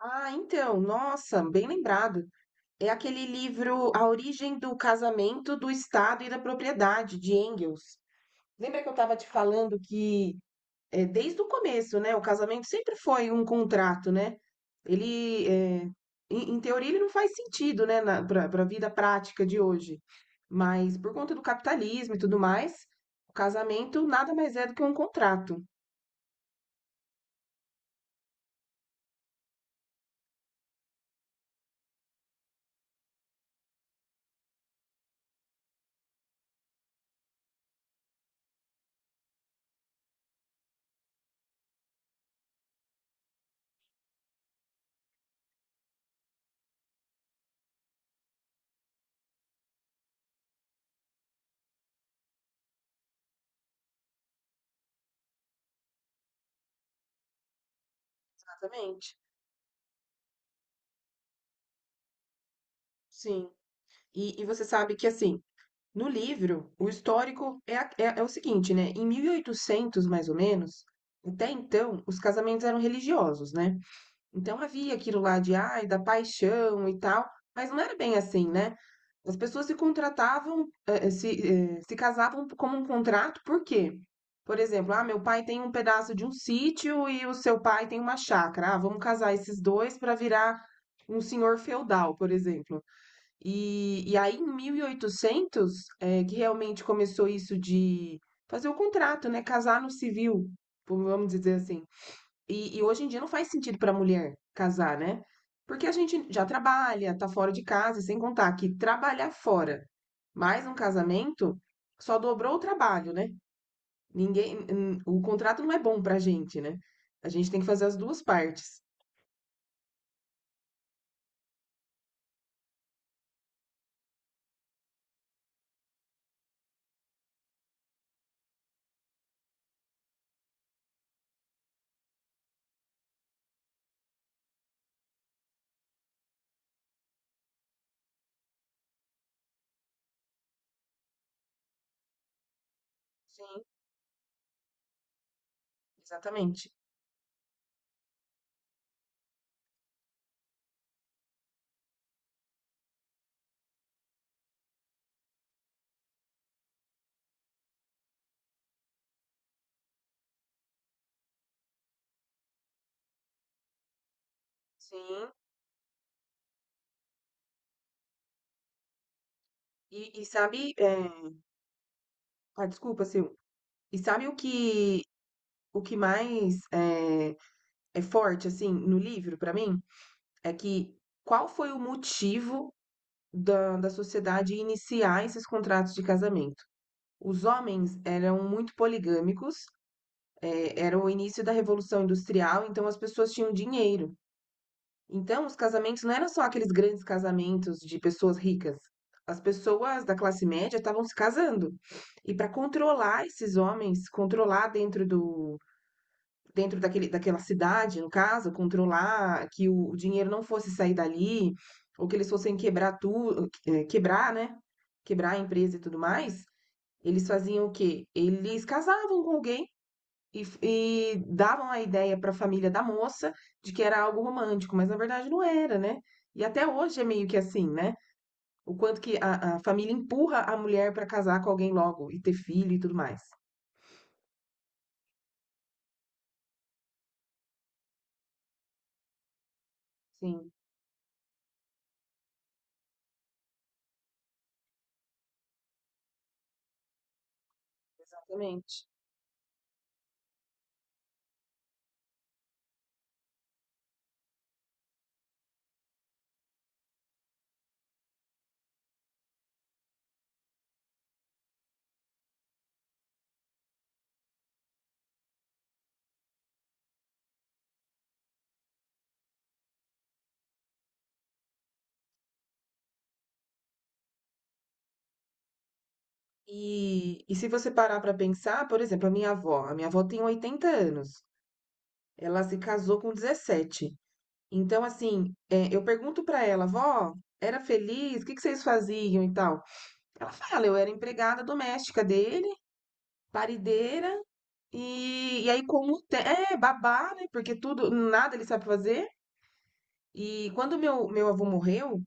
Ah, então, nossa, bem lembrado. É aquele livro A Origem do Casamento, do Estado e da Propriedade, de Engels. Lembra que eu estava te falando que, desde o começo, né, o casamento sempre foi um contrato, né? Ele, em teoria, ele não faz sentido, né, para a vida prática de hoje. Mas por conta do capitalismo e tudo mais, o casamento nada mais é do que um contrato. Exatamente. Sim. E você sabe que assim, no livro, o histórico é o seguinte, né? Em 1800, mais ou menos, até então, os casamentos eram religiosos, né? Então havia aquilo lá de, ai, da paixão e tal, mas não era bem assim, né? As pessoas se contratavam, se casavam como um contrato, por quê? Por exemplo, ah, meu pai tem um pedaço de um sítio e o seu pai tem uma chácara. Ah, vamos casar esses dois para virar um senhor feudal, por exemplo. E aí, em 1800, que realmente começou isso de fazer o contrato, né? Casar no civil, vamos dizer assim. E hoje em dia não faz sentido para a mulher casar, né? Porque a gente já trabalha, tá fora de casa, e sem contar que trabalhar fora mais um casamento só dobrou o trabalho, né? O contrato não é bom pra gente, né? A gente tem que fazer as duas partes. Sim, exatamente. Sim. E sabe, ah, desculpa, Sil. E sabe o que mais é forte assim no livro pra mim é que qual foi o motivo da sociedade iniciar esses contratos de casamento? Os homens eram muito poligâmicos, era o início da Revolução Industrial, então as pessoas tinham dinheiro. Então os casamentos não eram só aqueles grandes casamentos de pessoas ricas. As pessoas da classe média estavam se casando. E para controlar esses homens, controlar dentro do, Dentro daquele daquela cidade, no caso, controlar que o dinheiro não fosse sair dali, ou que eles fossem quebrar tudo, quebrar, né? Quebrar a empresa e tudo mais, eles faziam o quê? Eles casavam com alguém e davam a ideia para a família da moça de que era algo romântico, mas na verdade não era, né? E até hoje é meio que assim, né? O quanto que a família empurra a mulher para casar com alguém logo e ter filho e tudo mais. Sim, exatamente. E se você parar para pensar, por exemplo, a minha avó tem 80 anos, ela se casou com 17. Então, assim, eu pergunto para ela, vó, era feliz? O que que vocês faziam e tal? Ela fala, eu era empregada doméstica dele, parideira, e aí é babá, né? Porque tudo, nada ele sabe fazer. E quando meu avô morreu,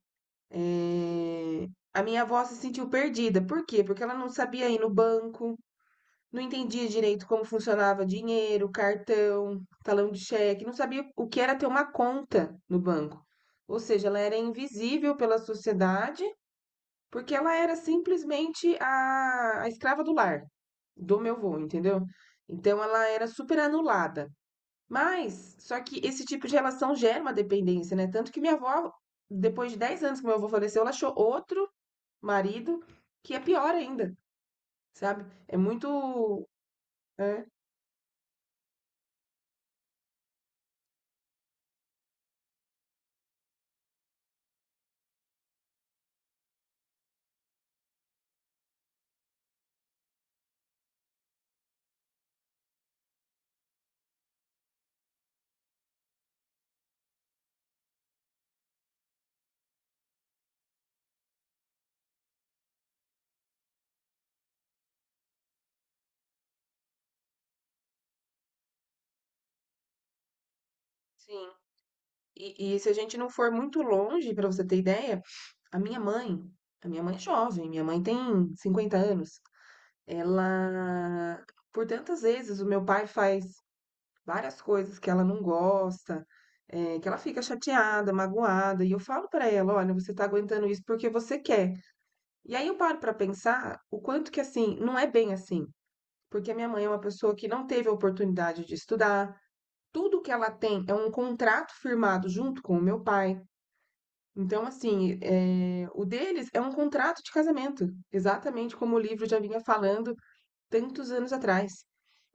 é, a minha avó se sentiu perdida. Por quê? Porque ela não sabia ir no banco. Não entendia direito como funcionava dinheiro, cartão, talão de cheque, não sabia o que era ter uma conta no banco. Ou seja, ela era invisível pela sociedade, porque ela era simplesmente a escrava do lar, do meu avô, entendeu? Então ela era super anulada. Mas, só que esse tipo de relação gera uma dependência, né? Tanto que minha avó, depois de 10 anos que meu avô faleceu, ela achou outro marido que é pior ainda, sabe? É muito. É, sim. E se a gente não for muito longe, pra você ter ideia, a minha mãe, a minha mãe é jovem, minha mãe tem 50 anos. Ela, por tantas vezes, o meu pai faz várias coisas que ela não gosta, que ela fica chateada, magoada, e eu falo pra ela, olha, você tá aguentando isso porque você quer. E aí eu paro pra pensar o quanto que assim, não é bem assim, porque a minha mãe é uma pessoa que não teve a oportunidade de estudar. Tudo que ela tem é um contrato firmado junto com o meu pai. Então, assim, o deles é um contrato de casamento, exatamente como o livro já vinha falando tantos anos atrás.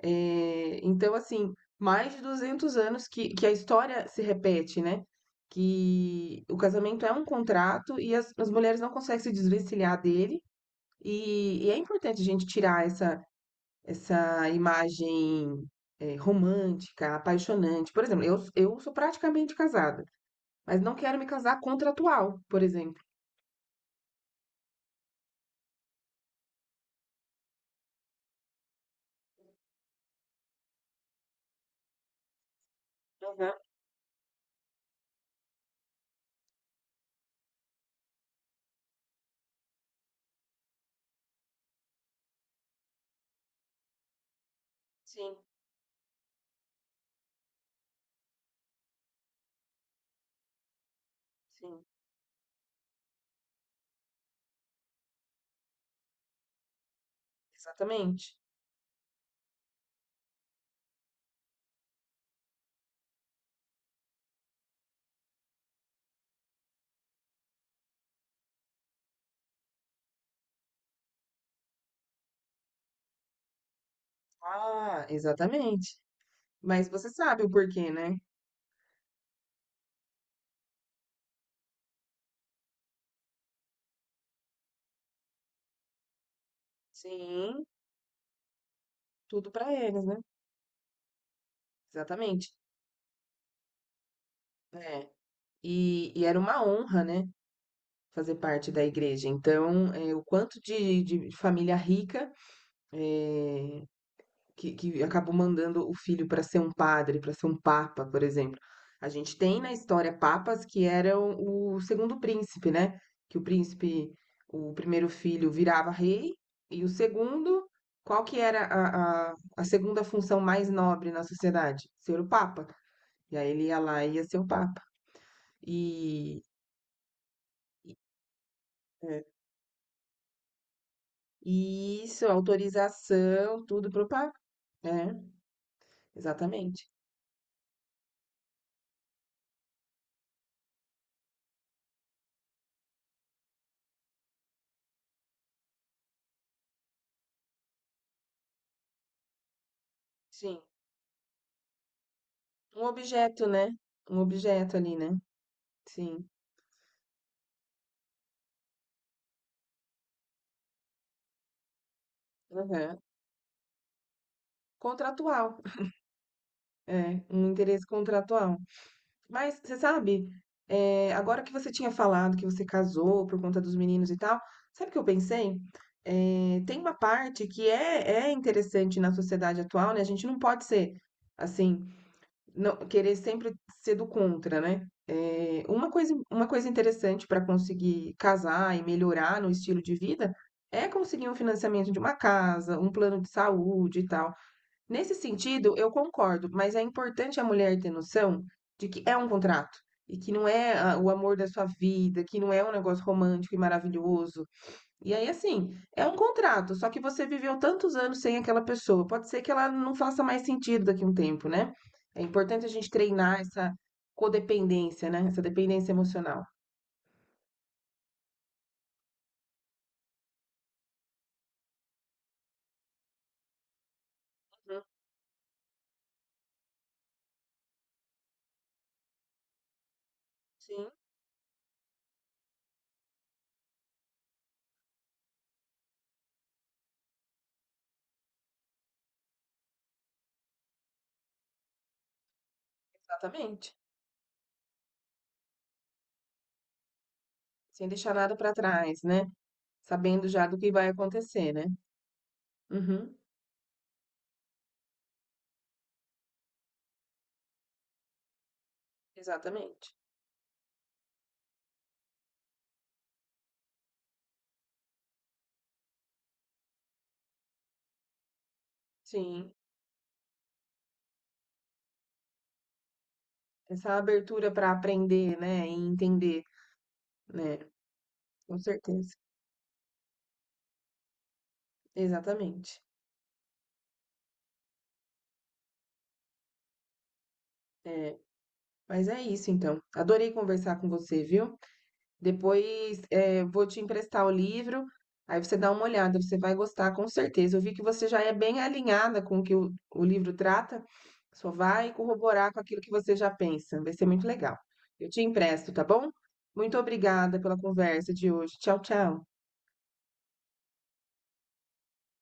Então, assim, mais de 200 anos que a história se repete, né? Que o casamento é um contrato e as mulheres não conseguem se desvencilhar dele. E é importante a gente tirar essa imagem, romântica, apaixonante. Por exemplo, eu sou praticamente casada, mas não quero me casar contratual, por exemplo. Uhum. Sim, sim, exatamente. Ah, exatamente. Mas você sabe o porquê, né? Sim, tudo pra eles, né? Exatamente. É. E era uma honra, né? Fazer parte da igreja. Então, o quanto de família rica, é, que acabou mandando o filho para ser um padre, para ser um papa, por exemplo. A gente tem na história papas que eram o segundo príncipe, né? Que o príncipe, o primeiro filho virava rei e o segundo, qual que era a segunda função mais nobre na sociedade? Ser o papa. E aí ele ia lá e ia ser o papa. E, É. E isso, autorização, tudo pro papa. É, exatamente. Sim. Um objeto, né? Um objeto ali, né? Sim. Aham. Contratual. É, um interesse contratual. Mas, você sabe, agora que você tinha falado que você casou por conta dos meninos e tal, sabe o que eu pensei? Tem uma parte que é interessante na sociedade atual, né? A gente não pode ser, assim, não querer sempre ser do contra, né? Uma coisa interessante para conseguir casar e melhorar no estilo de vida é conseguir um financiamento de uma casa, um plano de saúde e tal. Nesse sentido, eu concordo, mas é importante a mulher ter noção de que é um contrato e que não é ah, o amor da sua vida, que não é um negócio romântico e maravilhoso, e aí, assim, é um contrato, só que você viveu tantos anos sem aquela pessoa. Pode ser que ela não faça mais sentido daqui a um tempo, né? É importante a gente treinar essa codependência, né? Essa dependência emocional. Sim. Exatamente. Sem deixar nada pra trás, né? Sabendo já do que vai acontecer, né? Uhum, exatamente. Sim. Essa abertura pra aprender, né? E entender, né? Com certeza. Exatamente. É, mas é isso, então. Adorei conversar com você, viu? Depois, vou te emprestar o livro, aí você dá uma olhada, você vai gostar com certeza. Eu vi que você já é bem alinhada com o que o livro trata, só vai corroborar com aquilo que você já pensa. Vai ser muito legal. Eu te empresto, tá bom? Muito obrigada pela conversa de hoje. Tchau, tchau.